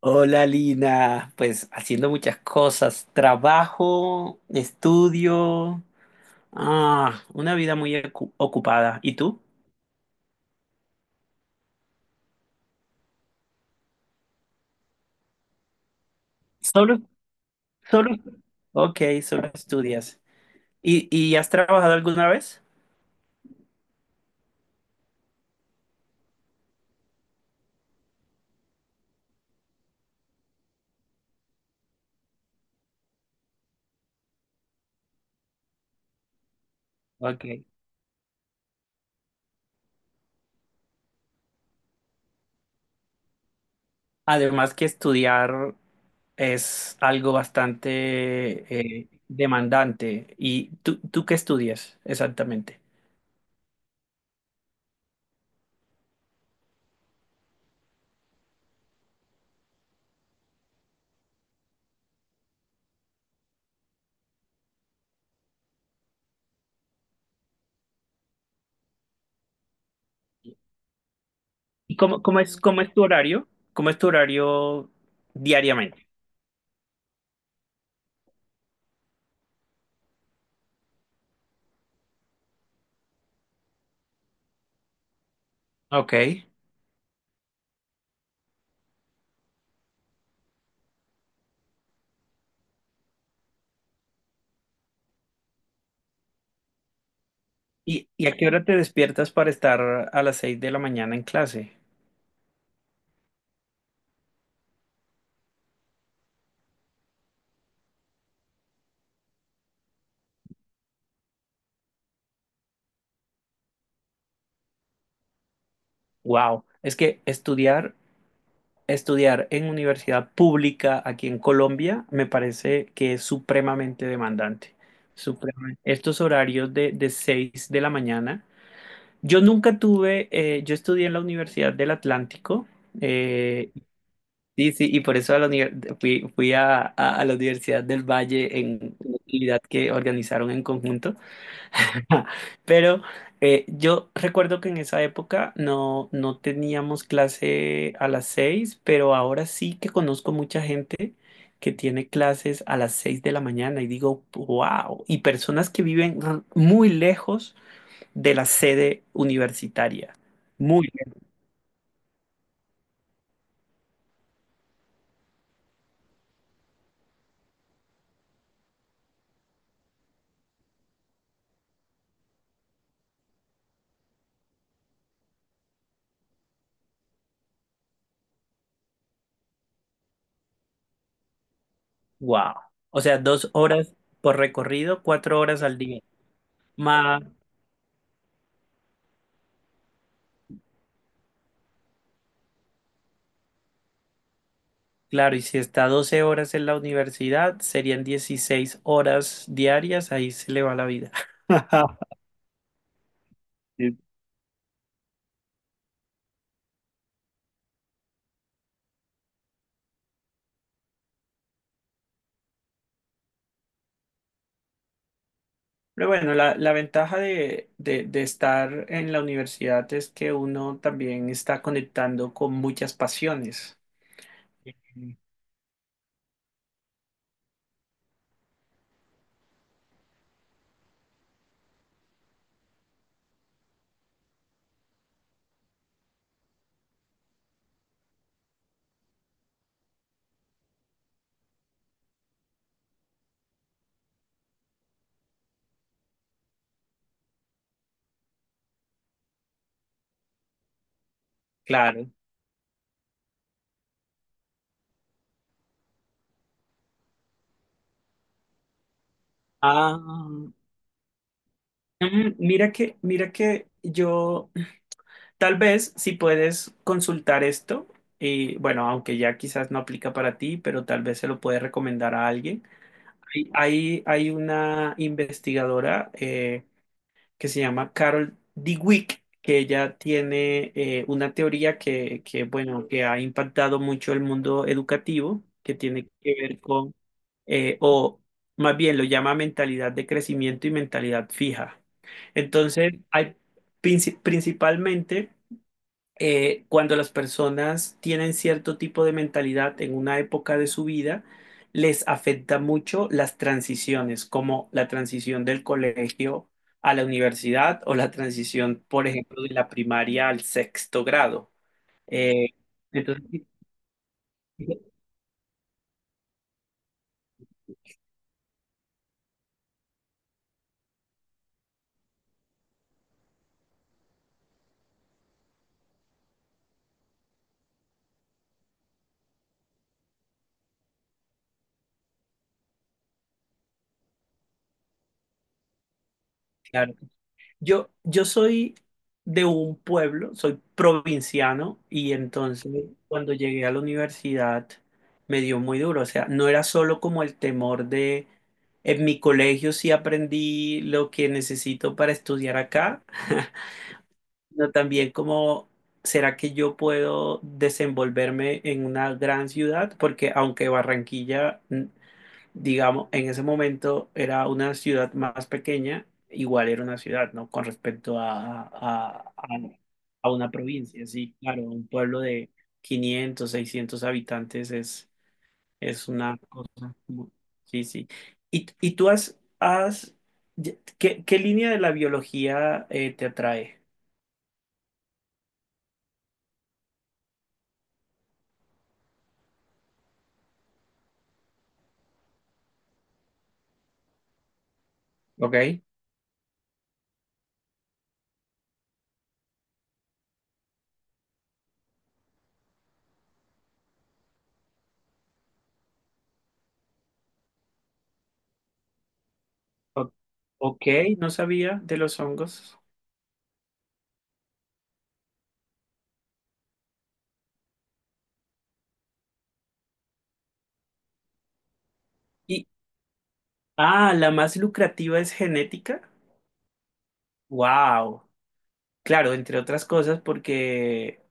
Hola Lina, pues haciendo muchas cosas, trabajo, estudio, ah, una vida muy ocupada. ¿Y tú? Solo, solo. Ok, solo estudias. ¿Y has trabajado alguna vez? Ok. Además que estudiar es algo bastante demandante. ¿Y tú qué estudias exactamente? ¿Y cómo es tu horario? ¿Cómo es tu horario diariamente? Ok. ¿Y a qué hora te despiertas para estar a las 6 de la mañana en clase? Wow, es que estudiar en universidad pública aquí en Colombia me parece que es supremamente demandante. Supremamente. Estos horarios de 6 de la mañana. Yo nunca tuve, yo estudié en la Universidad del Atlántico. eh, sí, sí, y por eso fui a la Universidad del Valle en una actividad que organizaron en conjunto. Pero yo recuerdo que en esa época no, no teníamos clase a las 6, pero ahora sí que conozco mucha gente que tiene clases a las 6 de la mañana y digo, wow, y personas que viven muy lejos de la sede universitaria, muy lejos, wow, o sea, 2 horas por recorrido, 4 horas al día, más. Claro, y si está 12 horas en la universidad, serían 16 horas diarias, ahí se le va la vida. Sí. Pero bueno, la ventaja de estar en la universidad es que uno también está conectando con muchas pasiones. Claro. Ah, mira que yo, tal vez si puedes consultar esto, y bueno, aunque ya quizás no aplica para ti, pero tal vez se lo puedes recomendar a alguien. Hay una investigadora que se llama Carol Dweck, que ella tiene una teoría que, bueno, que ha impactado mucho el mundo educativo, que tiene que ver con, o más bien lo llama mentalidad de crecimiento y mentalidad fija. Entonces, hay principalmente cuando las personas tienen cierto tipo de mentalidad en una época de su vida, les afecta mucho las transiciones, como la transición del colegio a la universidad o la transición, por ejemplo, de la primaria al sexto grado. Eh, entonces, sí, claro. Yo soy de un pueblo, soy provinciano y entonces cuando llegué a la universidad me dio muy duro. O sea, no era solo como el temor de, en mi colegio sí aprendí lo que necesito para estudiar acá, sino también como, ¿será que yo puedo desenvolverme en una gran ciudad? Porque aunque Barranquilla digamos, en ese momento era una ciudad más pequeña, igual era una ciudad, ¿no? Con respecto a, a una provincia, sí, claro, un pueblo de 500 600 habitantes es, una cosa, sí, sí. Y tú has, has ya- ¿qué, qué línea de la biología te atrae? ¿Ok? O- Ok, no sabía de los hongos. Y, la más lucrativa es genética. Wow. Claro, entre otras cosas porque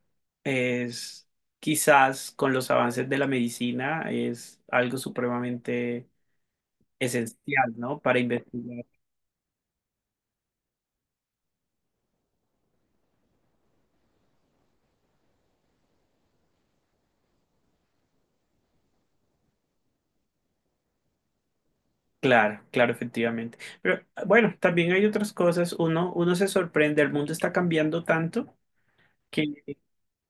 es quizás con los avances de la medicina es algo supremamente esencial, ¿no? Para investigar. Claro, claro, efectivamente. Pero ah, bueno, también hay otras cosas. Uno se sorprende, el mundo está cambiando tanto que,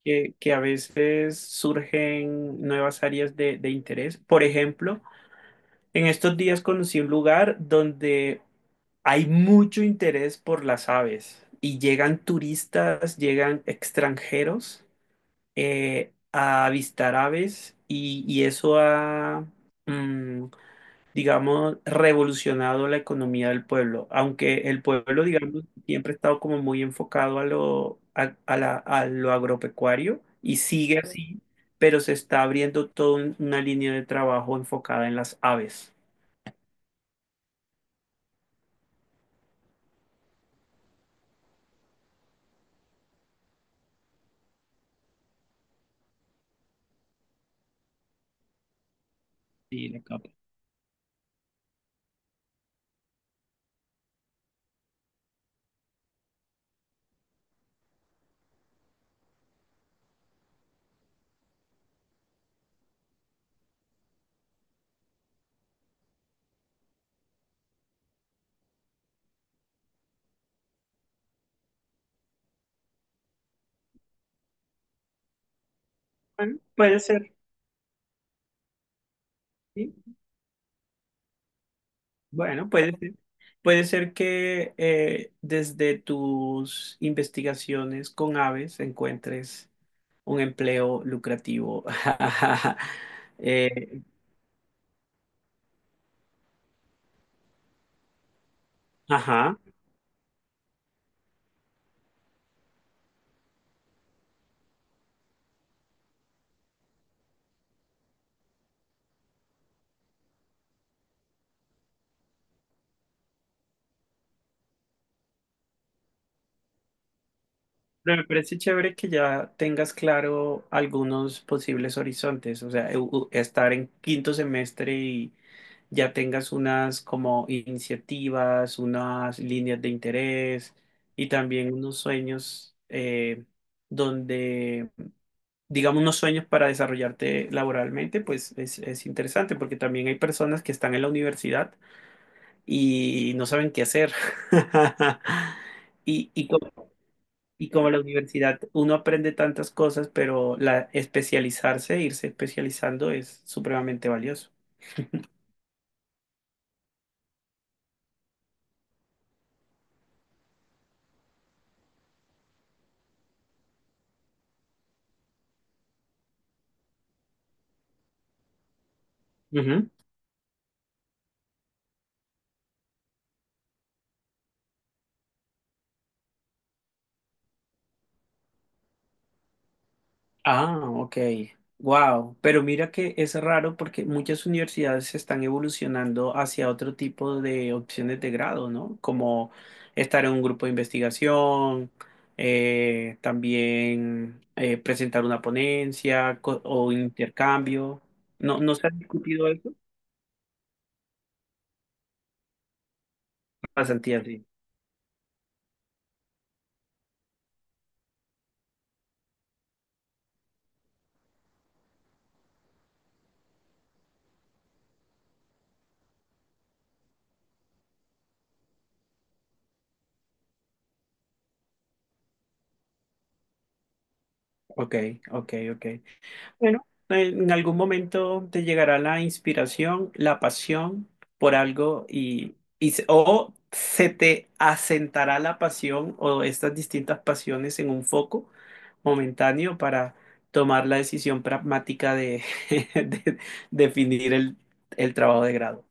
que a veces surgen nuevas áreas de interés. Por ejemplo, en estos días conocí un lugar donde hay mucho interés por las aves y llegan turistas, llegan extranjeros a avistar aves y eso ha, mm, digamos, revolucionado la economía del pueblo. Aunque el pueblo, digamos, siempre ha estado como muy enfocado a lo, a la- a lo agropecuario y sigue así, pero se está abriendo toda una línea de trabajo enfocada en las aves. Sí, la capa. Bueno, puede ser. Sí. Bueno, puede ser que desde tus investigaciones con aves encuentres un empleo lucrativo. Eh, ajá. Pero me parece chévere que ya tengas claro algunos posibles horizontes, o sea, estar en quinto semestre y ya tengas unas como iniciativas, unas líneas de interés y también unos sueños donde digamos, unos sueños para desarrollarte laboralmente, pues es interesante porque también hay personas que están en la universidad y no saben qué hacer. Y, y, co- y como la universidad, uno aprende tantas cosas, pero la especializarse, irse especializando es supremamente valioso. Ah, ok. Wow. Pero mira que es raro porque muchas universidades están evolucionando hacia otro tipo de opciones de grado, ¿no? Como estar en un grupo de investigación, también presentar una ponencia o intercambio. ¿No, no se ha discutido eso? Pasantía, sí. Ok, ok, ok. Bueno, en algún momento te llegará la inspiración, la pasión por algo o se te asentará la pasión o estas distintas pasiones en un foco momentáneo para tomar la decisión pragmática de, de definir el trabajo de grado.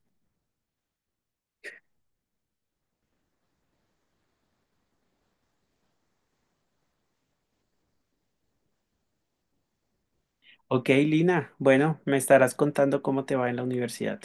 Ok, Lina, bueno, me estarás contando cómo te va en la universidad.